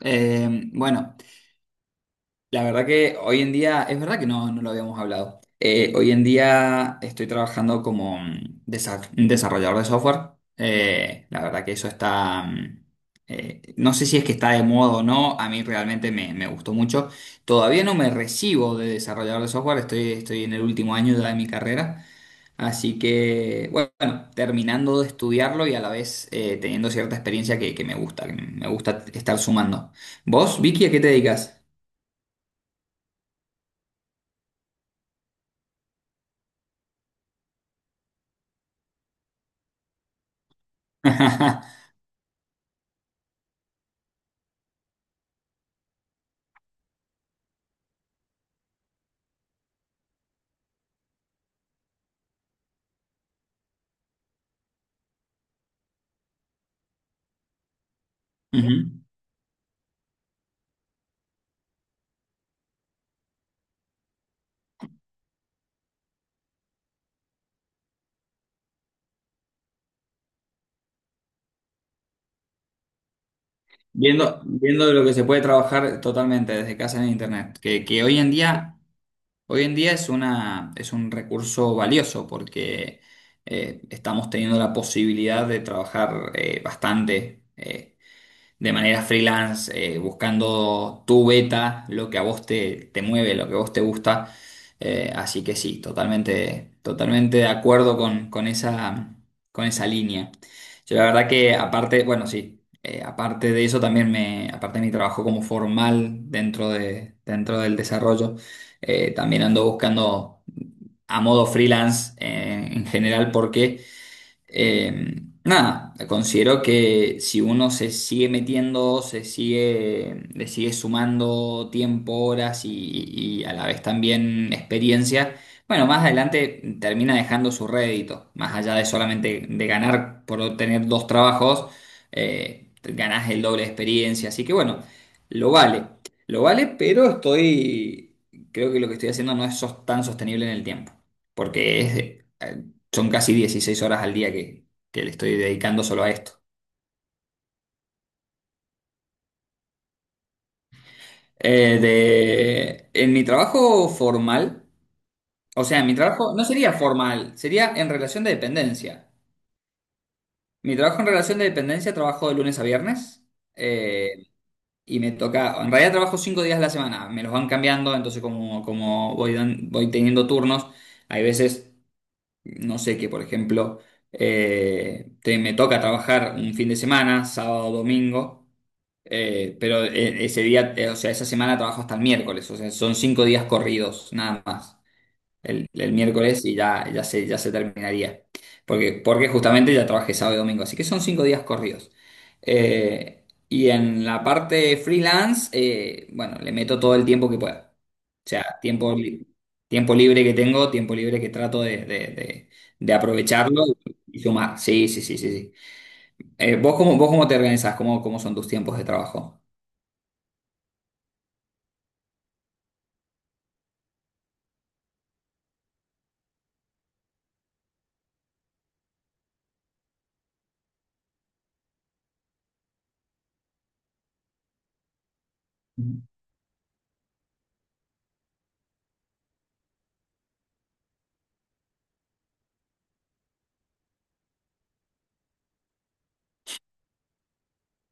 Eh, bueno, la verdad que hoy en día, es verdad que no lo habíamos hablado. Hoy en día estoy trabajando como desarrollador de software. La verdad que eso está, no sé si es que está de moda o no, a mí realmente me gustó mucho. Todavía no me recibo de desarrollador de software, estoy en el último año ya de mi carrera. Así que, bueno, terminando de estudiarlo y a la vez teniendo cierta experiencia que me gusta estar sumando. ¿Vos, Vicky, a qué te dedicas? Ujú. Viendo lo que se puede trabajar totalmente desde casa en internet, que hoy en día es una, es un recurso valioso porque estamos teniendo la posibilidad de trabajar bastante, de manera freelance, buscando tu beta, lo que a vos te mueve, lo que a vos te gusta. Así que sí, totalmente de acuerdo con esa línea. Yo la verdad que aparte, bueno, sí, aparte de eso también me, aparte de mi trabajo como formal dentro de, dentro del desarrollo, también ando buscando a modo freelance en general porque eh, nada, considero que si uno se sigue metiendo, se sigue, le sigue sumando tiempo, horas y a la vez también experiencia, bueno, más adelante termina dejando su rédito, más allá de solamente de ganar por tener dos trabajos, ganás el doble de experiencia, así que bueno, lo vale, lo vale, pero estoy, creo que lo que estoy haciendo no es tan sostenible en el tiempo, porque es eh, son casi 16 horas al día que le estoy dedicando solo a esto. En mi trabajo formal, o sea, mi trabajo no sería formal, sería en relación de dependencia. Mi trabajo en relación de dependencia trabajo de lunes a viernes, eh, y me toca, en realidad trabajo 5 días a la semana, me los van cambiando, entonces como, como voy, voy teniendo turnos, hay veces no sé, que por ejemplo me toca trabajar un fin de semana, sábado, domingo, ese día, o sea, esa semana trabajo hasta el miércoles, o sea, son 5 días corridos, nada más el miércoles y ya, ya se terminaría. Porque, porque justamente ya trabajé sábado y domingo, así que son 5 días corridos. Y en la parte freelance, bueno, le meto todo el tiempo que pueda. O sea, tiempo libre que tengo, tiempo libre que trato de aprovecharlo y sumar. Sí, sí, sí, sí, sí. Vos cómo te organizás? ¿Cómo, cómo son tus tiempos de trabajo?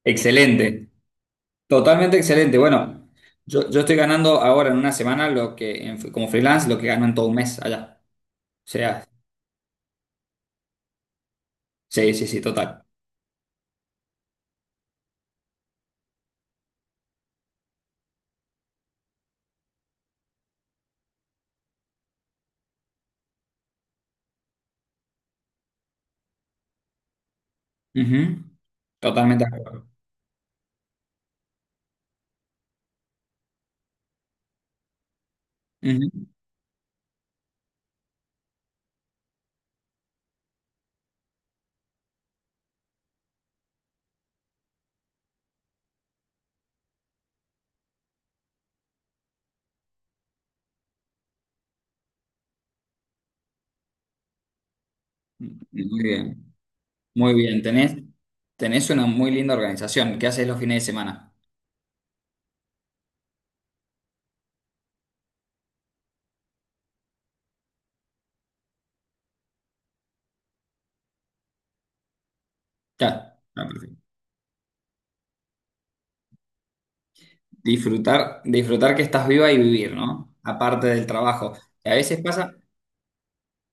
Excelente. Totalmente excelente. Bueno, yo estoy ganando ahora en una semana lo que como freelance lo que gano en todo un mes allá. O sea, sí, sí, sí, total. Ujú. Totalmente de acuerdo. Ujú. Muy bien, muy bien. Tenés, tenés una muy linda organización. ¿Qué haces los fines de semana? Ya. Ah, perfecto. Disfrutar, disfrutar que estás viva y vivir, ¿no? Aparte del trabajo. A veces pasa,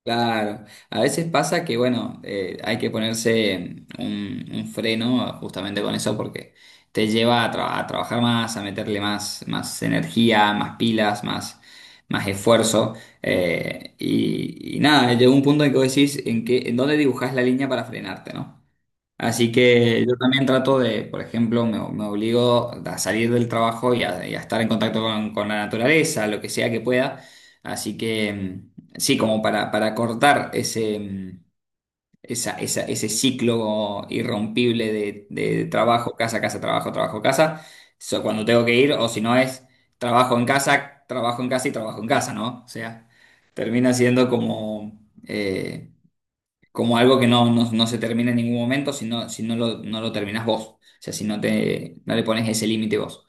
claro, a veces pasa que, bueno, hay que ponerse un freno justamente con eso porque te lleva a trabajar más, a meterle más, más energía, más pilas, más, más esfuerzo, y nada, llega un punto en que vos decís en que, en dónde dibujás la línea para frenarte, ¿no? Así que yo también trato de, por ejemplo, me obligo a salir del trabajo y a estar en contacto con la naturaleza, lo que sea que pueda. Así que sí, como para cortar ese, ese ciclo irrompible de trabajo, casa, casa, trabajo, trabajo, casa, cuando tengo que ir, o si no es trabajo en casa y trabajo en casa, ¿no? O sea, termina siendo como eh, como algo que no, no, no se termina en ningún momento si no, si no lo, no lo terminás vos. O sea, si no te, no le pones ese límite vos.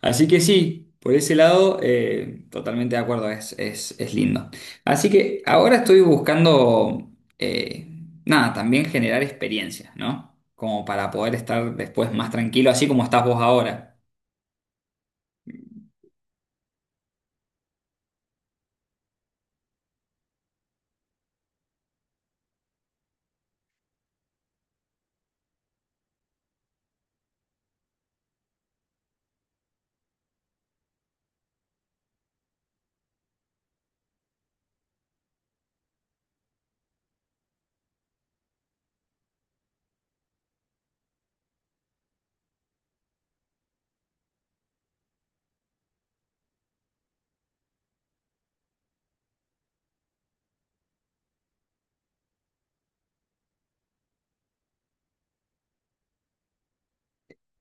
Así que sí, por ese lado, totalmente de acuerdo, es lindo. Así que ahora estoy buscando, eh, nada, también generar experiencias, ¿no? Como para poder estar después más tranquilo, así como estás vos ahora.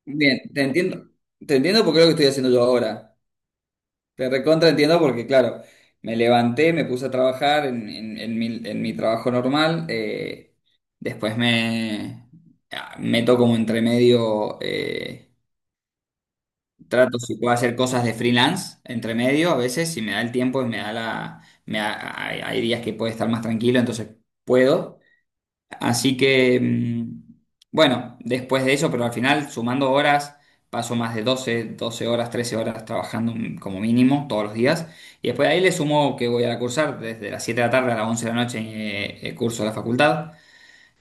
Bien, te entiendo. Te entiendo porque es lo que estoy haciendo yo ahora. Te recontra entiendo porque, claro, me levanté, me puse a trabajar en mi trabajo normal, después meto como entre medio, trato si puedo hacer cosas de freelance, entre medio, a veces, si me da el tiempo y me da la, hay, hay días que puedo estar más tranquilo, entonces puedo. Así que bueno, después de eso, pero al final, sumando horas, paso más de 12 horas, 13 horas trabajando como mínimo todos los días. Y después de ahí le sumo que voy a cursar desde las 7 de la tarde a las 11 de la noche curso de la facultad.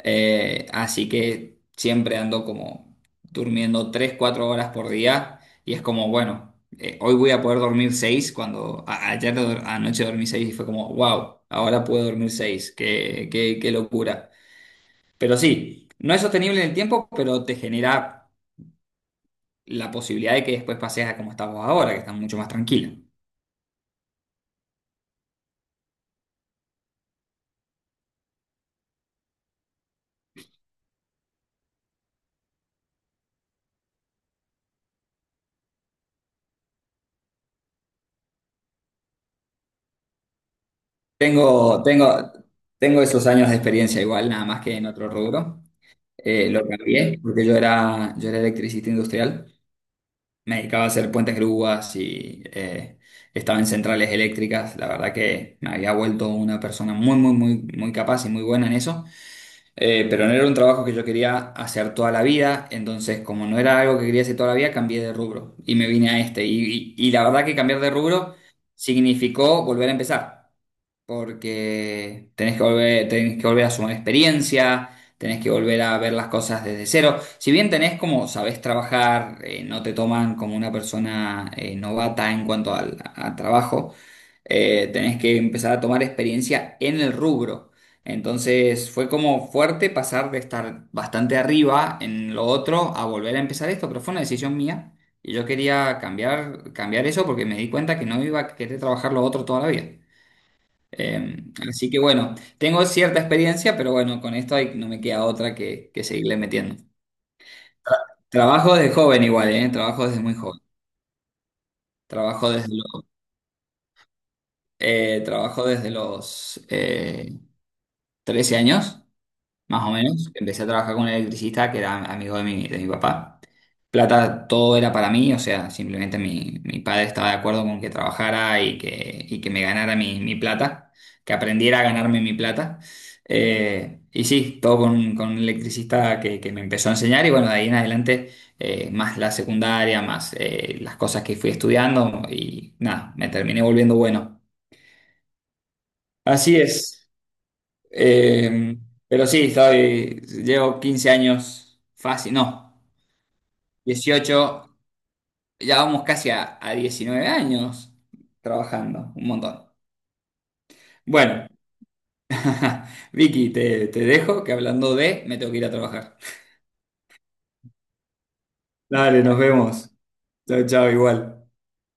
Así que siempre ando como durmiendo 3 4 horas por día. Y es como, bueno, hoy voy a poder dormir 6 cuando ayer anoche dormí 6 y fue como, wow, ahora puedo dormir 6 qué, qué, qué locura. Pero sí, no es sostenible en el tiempo, pero te genera la posibilidad de que después pases a como estás vos ahora, que estás mucho más tranquilo. Tengo, tengo, Tengo esos años de experiencia igual, nada más que en otro rubro. Lo cambié porque yo era electricista industrial. Me dedicaba a hacer puentes grúas y estaba en centrales eléctricas. La verdad que me había vuelto una persona muy, muy, muy, muy capaz y muy buena en eso. Pero no era un trabajo que yo quería hacer toda la vida, entonces como no era algo que quería hacer toda la vida, cambié de rubro y me vine a este. Y la verdad que cambiar de rubro significó volver a empezar, porque tenés que volver a sumar experiencia, tenés que volver a ver las cosas desde cero. Si bien tenés como sabés trabajar, no te toman como una persona novata en cuanto al trabajo, tenés que empezar a tomar experiencia en el rubro. Entonces fue como fuerte pasar de estar bastante arriba en lo otro a volver a empezar esto, pero fue una decisión mía y yo quería cambiar, cambiar eso porque me di cuenta que no iba a querer trabajar lo otro toda la vida. Eh, así que bueno, tengo cierta experiencia, pero bueno, con esto no me queda otra que seguirle metiendo. Trabajo desde joven igual, ¿eh? Trabajo desde muy joven. Trabajo desde los, Trabajo desde los 13 años, más o menos. Empecé a trabajar con un electricista que era amigo de mi papá. Plata, todo era para mí, o sea, simplemente mi, mi padre estaba de acuerdo con que trabajara y que me ganara mi, mi plata, que aprendiera a ganarme mi plata. Y sí, todo con un electricista que me empezó a enseñar y bueno, de ahí en adelante, más la secundaria, más las cosas que fui estudiando y nada, me terminé volviendo bueno. Así es. Eh, pero sí, estoy, llevo 15 años fácil, no, dieciocho, ya vamos casi a 19 años trabajando, un montón. Bueno, Vicky, te dejo que hablando de, me tengo que ir a trabajar. Dale, nos vemos. Chao, chao, igual.